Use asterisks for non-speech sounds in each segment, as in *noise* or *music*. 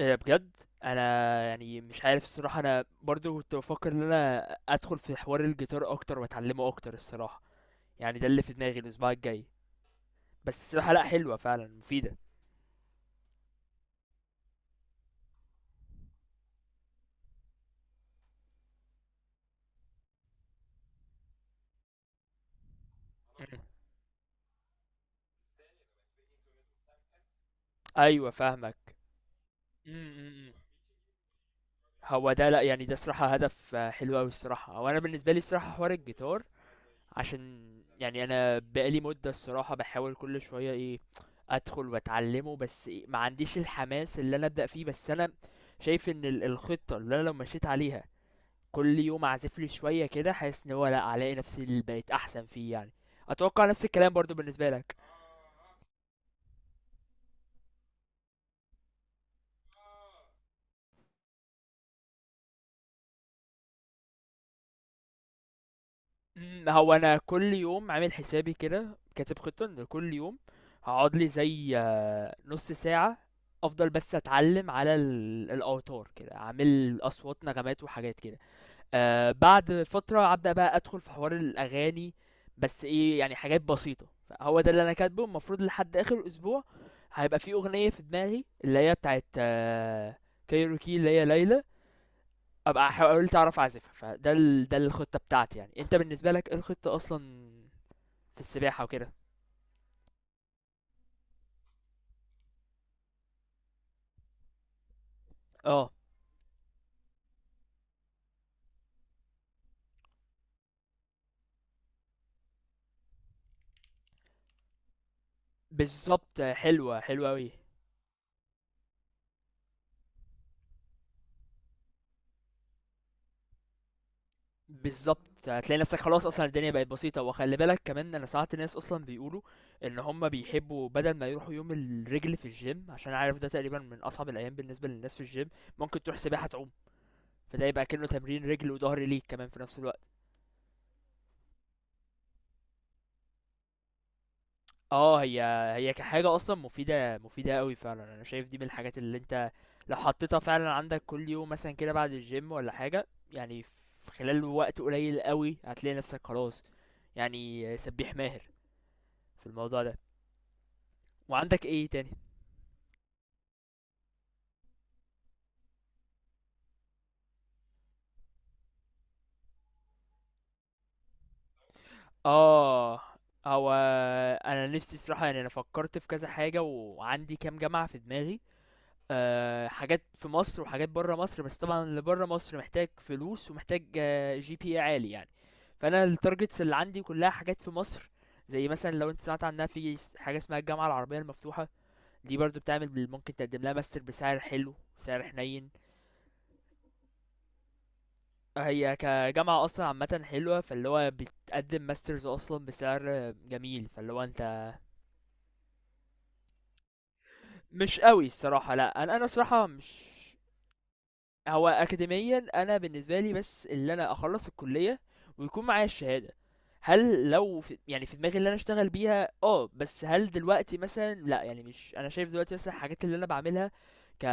إيه بجد. انا يعني مش عارف الصراحه، انا برضو كنت بفكر ان انا ادخل في حوار الجيتار اكتر واتعلمه اكتر الصراحه. يعني ده اللي في دماغي الاسبوع الجاي. بس الصراحه، لا حلوه فعلا، مفيده. مم. ايوه، فاهمك. مم، مم، مم. هو ده لا يعني ده صراحه هدف حلو قوي الصراحه، وانا بالنسبه لي الصراحه حوار الجيتار عشان يعني انا بقالي مده الصراحه بحاول كل شويه ايه ادخل واتعلمه، بس إيه، ما عنديش الحماس اللي انا ابدا فيه. بس انا شايف ان الخطه اللي انا لو مشيت عليها كل يوم اعزف لي شويه كده، حاسس ان هو لا هلاقي نفسي اللي بقيت احسن فيه يعني. اتوقع نفس الكلام برضو بالنسبه لك. هو انا كل يوم عامل حسابي كده، كاتب خطه ان كل يوم هقعد لي زي نص ساعه افضل بس اتعلم على الاوتار كده، اعمل اصوات نغمات وحاجات كده. آه، بعد فترة أبدأ بقى أدخل في حوار الأغاني، بس إيه، يعني حاجات بسيطة. فهو ده اللي أنا كاتبه المفروض لحد آخر أسبوع هيبقى في أغنية في دماغي اللي هي بتاعت آه كايروكي، اللي هي ليلى، أبقى حاولت أعرف أعزفها. ده الخطة بتاعتي. يعني أنت بالنسبة لك إيه الخطة أصلا، في السباحة وكده؟ اه، بالظبط، حلوة حلوة أوي. بالضبط هتلاقي نفسك خلاص، اصلا الدنيا بقت بسيطه. وخلي بالك كمان، انا ساعات ناس اصلا بيقولوا ان هم بيحبوا بدل ما يروحوا يوم الرجل في الجيم، عشان عارف ده تقريبا من اصعب الايام بالنسبه للناس في الجيم، ممكن تروح سباحه تعوم. فده يبقى كأنه تمرين رجل وظهر ليك كمان في نفس الوقت. اه، هي هي كحاجه اصلا مفيده، مفيده قوي فعلا. انا شايف دي من الحاجات اللي انت لو حطيتها فعلا عندك كل يوم مثلا كده بعد الجيم ولا حاجه، يعني في خلال وقت قليل قوي هتلاقي نفسك خلاص، يعني سبيح ماهر في الموضوع ده. وعندك ايه تاني؟ اه، هو انا نفسي الصراحه، يعني انا فكرت في كذا حاجه، وعندي كام جامعه في دماغي. أه، حاجات في مصر وحاجات بره مصر، بس طبعا اللي بره مصر محتاج فلوس ومحتاج جي بي عالي يعني. فانا التارجتس اللي عندي كلها حاجات في مصر. زي مثلا لو انت سمعت عنها، في حاجه اسمها الجامعه العربيه المفتوحه. دي برضو بتعمل، ممكن تقدم لها ماستر بسعر حلو، سعر حنين. هي كجامعة أصلا عامة حلوة، فاللي هو بتقدم ماسترز أصلا بسعر جميل، فاللي هو أنت مش قوي الصراحة. لأ، أنا الصراحة مش. هو أكاديميًا أنا بالنسبة لي بس اللي أنا أخلّص الكلية ويكون معايا الشهادة، هل لو في يعني في دماغي اللي أنا أشتغل بيها بس هل دلوقتي مثلًا؟ لأ، يعني مش أنا شايف دلوقتي مثلًا الحاجات اللي أنا باعملها ك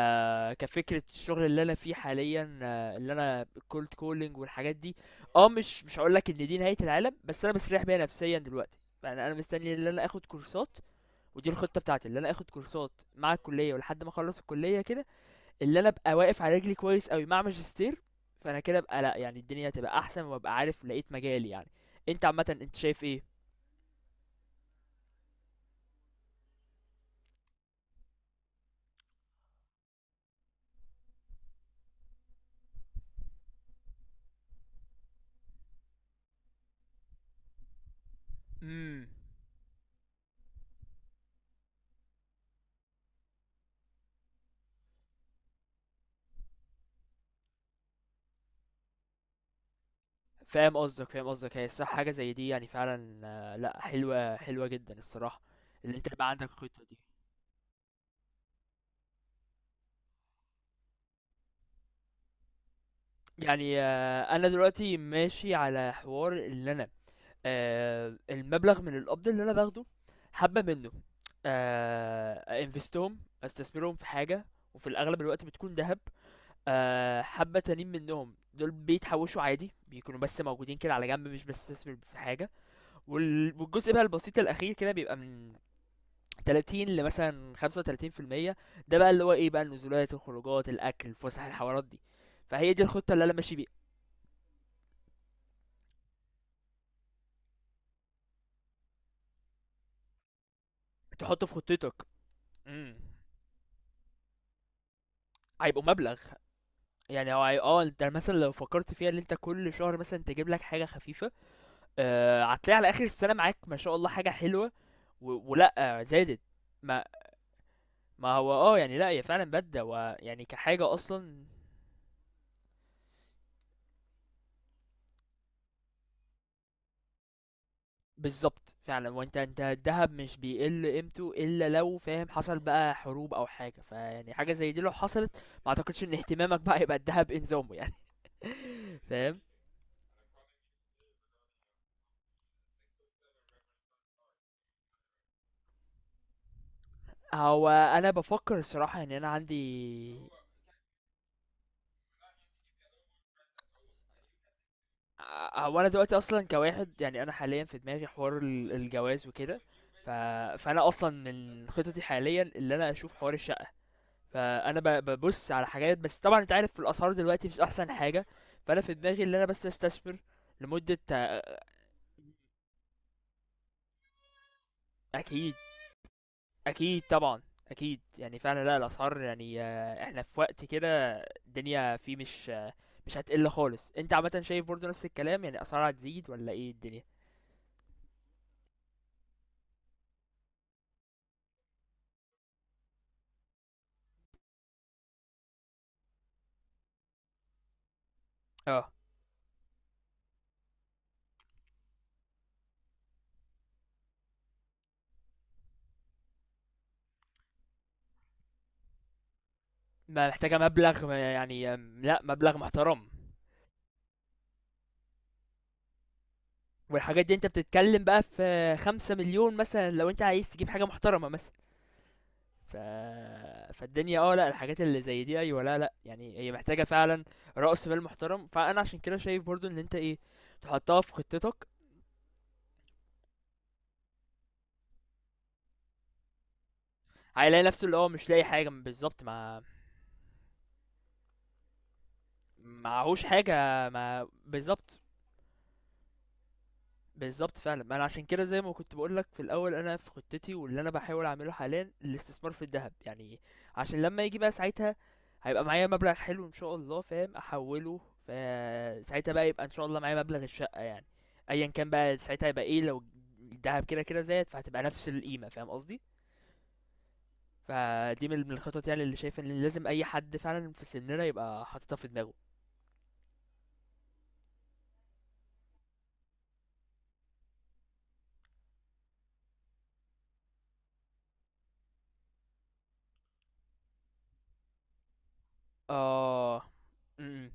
كفكرة، الشغل اللي أنا فيه حاليًا اللي أنا الcold calling والحاجات دي، آه، مش هاقول لك إن دي نهاية العالم، بس أنا مستريح بيها نفسيًا دلوقتي. فأنا أنا مستني اللي أنا آخد كورسات. ودي الخطة بتاعتي، اللي أنا آخد كورسات مع الكلية ولحد ما أخلّص الكلية كده، اللي انا ابقى واقف على رجلي كويس قوي مع ماجستير. فانا كده ابقى لا يعني الدنيا هتبقى احسن، وابقى عارف لقيت مجالي يعني. انت عامه انت شايف ايه؟ امم. فاهم قصدك. هي الصح حاجه زي دي يعني فعلا لا حلوه، حلوه جدا الصراحه، اللي انت يبقى عندك الخطه دي. يعني انا دلوقتي ماشي على حوار، اللي انا المبلغ من القبض اللي انا باخده، حبه منه آه، انفستهم، استثمرهم في حاجه، وفي الاغلب الوقت بتكون ذهب. آه، حبة تانيين منهم دول بيتحوشوا عادي، بيكونوا بس موجودين كده على جنب، مش بستثمر في حاجة. والجزء بقى البسيط الأخير كده بيبقى من 30 لمثلا 35%. ده بقى اللي هو ايه بقى، النزولات، الخروجات، الأكل، الفسح، الحوارات دي. فهي دي الخطة اللي أنا ماشي بيها. تحط في خطتك. امم، هيبقوا مبلغ. يعني هو اه، انت مثلا لو فكرت فيها ان انت كل شهر مثلا تجيب لك حاجة خفيفة، آه، هتلاقي على آخر السنة معاك ما شاء الله حاجة حلوة. ولا زادت. ما ما هو آه، يعني لأ، هي فعلًا بدلة، هو يعني كحاجة أصلًا. بالضبط فعلًا، هو أنت الدهب مش بيقل قيمته، إلا لو فاهم حصل بقى حروب أو حاجة، فيعني حاجة زي دي لو حصلت، ما أعتقدش إن اهتمامك بقى هيبقى الدهب إنظامه يعني. *laughs* فاهم؟ هو أنا بافكر الصراحة، يعني أنا عندي هو أنا دلوقتي أصلًا كواحد، يعني أنا حاليًا في دماغي حوار الجواز وكده، ف فأنا أصلًا من خططي حاليًا اللي أنا أشوف حوار الشقة. فانا ببص على حاجات، بس طبعا انت عارف الاسعار دلوقتي مش احسن حاجه. فانا في دماغي ان انا بس استثمر لمده اكيد، اكيد طبعا، اكيد. يعني فعلا لا، الاسعار يعني احنا في وقت كده الدنيا فيه مش مش هتقل خالص. انت عامه شايف برضو نفس الكلام؟ يعني الاسعار هتزيد ولا ايه الدنيا؟ اه، ما محتاجه مبلغ ما- يعني لا، مبلغ محترم. والحاجات دي انت بتتكلم بقى في خمسة مليون مثلا، لو انت عايز تجيب حاجه محترمه مثلا. ف... فالدنيا اه لا، الحاجات اللي زي دي ايوه، لا يعني، هي محتاجه فعلا رأس مال محترم. فانا عشان كده شايف برضو ان انت ايه، تحطها في خطتك. هيلاقي نفسه اللي هو مش لاقي حاجه بالظبط، ما معهوش حاجه. ما بالظبط، بالظبط فعلا. ما انا عشان كده زي ما كنت بقولك في الاول، انا في خطتي واللي انا بحاول اعمله حاليا الاستثمار في الذهب، يعني عشان لما يجي بقى ساعتها، هيبقى معايا مبلغ حلو ان شاء الله، فاهم، احوله. فساعتها بقى يبقى ان شاء الله معايا مبلغ الشقة يعني، ايا كان بقى ساعتها. هيبقى ايه لو الذهب كده كده زاد، فهتبقى نفس القيمة، فاهم قصدي. فدي من الخطط، يعني اللي شايف ان لازم اي حد فعلا في سننا يبقى حاططها في دماغه. اه، م- م.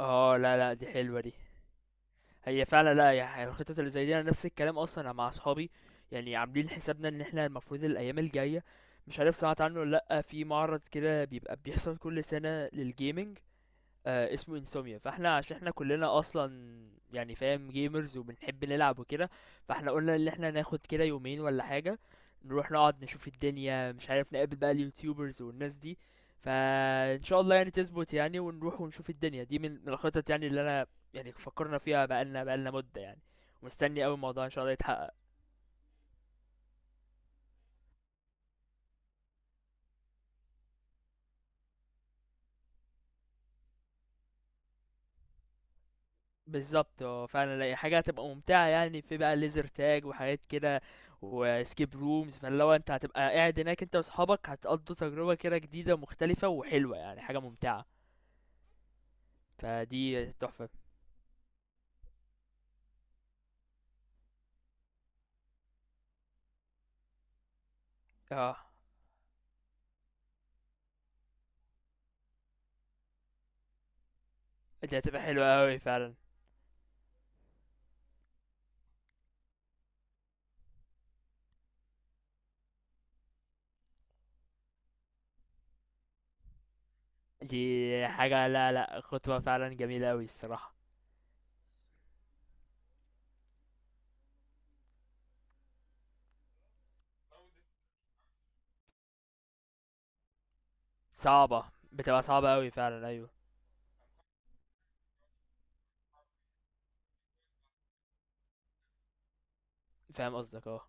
اه لا لا، دي حلوة دي. هي فعلا، لا، هي الخطط اللي زي دي انا نفس الكلام اصلا مع اصحابي. يعني عاملين حسابنا ان احنا المفروض الايام الجايه، مش عارف سمعت عنه ولا لا، في معرض كده بيبقى بيحصل كل سنه للجيمنج، آه اسمه انسوميا. فاحنا عشان احنا كلنا اصلا يعني فاهم جيمرز وبنحب نلعب وكده، فاحنا قلنا ان احنا ناخد كده يومين ولا حاجة، نروح نقعد نشوف الدنيا، مش عارف نقابل بقى اليوتيوبرز والناس دي. فان شاء الله يعني تظبط يعني، ونروح ونشوف الدنيا. دي من الخطط يعني اللي انا يعني فكرنا فيها بقالنا مدة يعني، ومستني اوي الموضوع ان شاء الله يتحقق. بالضبط فعلًا، لا هي حاجة هتبقى ممتعة، يعني في بقى laser tag وحاجات كده وescape rooms، فاللي هو أنت هتبقى قاعد هناك أنت وأصحابك، هتقضّوا تجربة كده جديدة ومختلفة وحلوة، يعني حاجة ممتعة. فدي تحفة. آه، دي هتبقى حلوة أوي فعلًا. دي حاجة لا، لأ، خطوة فعلًا جميلة أوي الصراحة. صعبة، بتبقى صعبة أوي فعلًا أيوه. فاهم قصدك آه.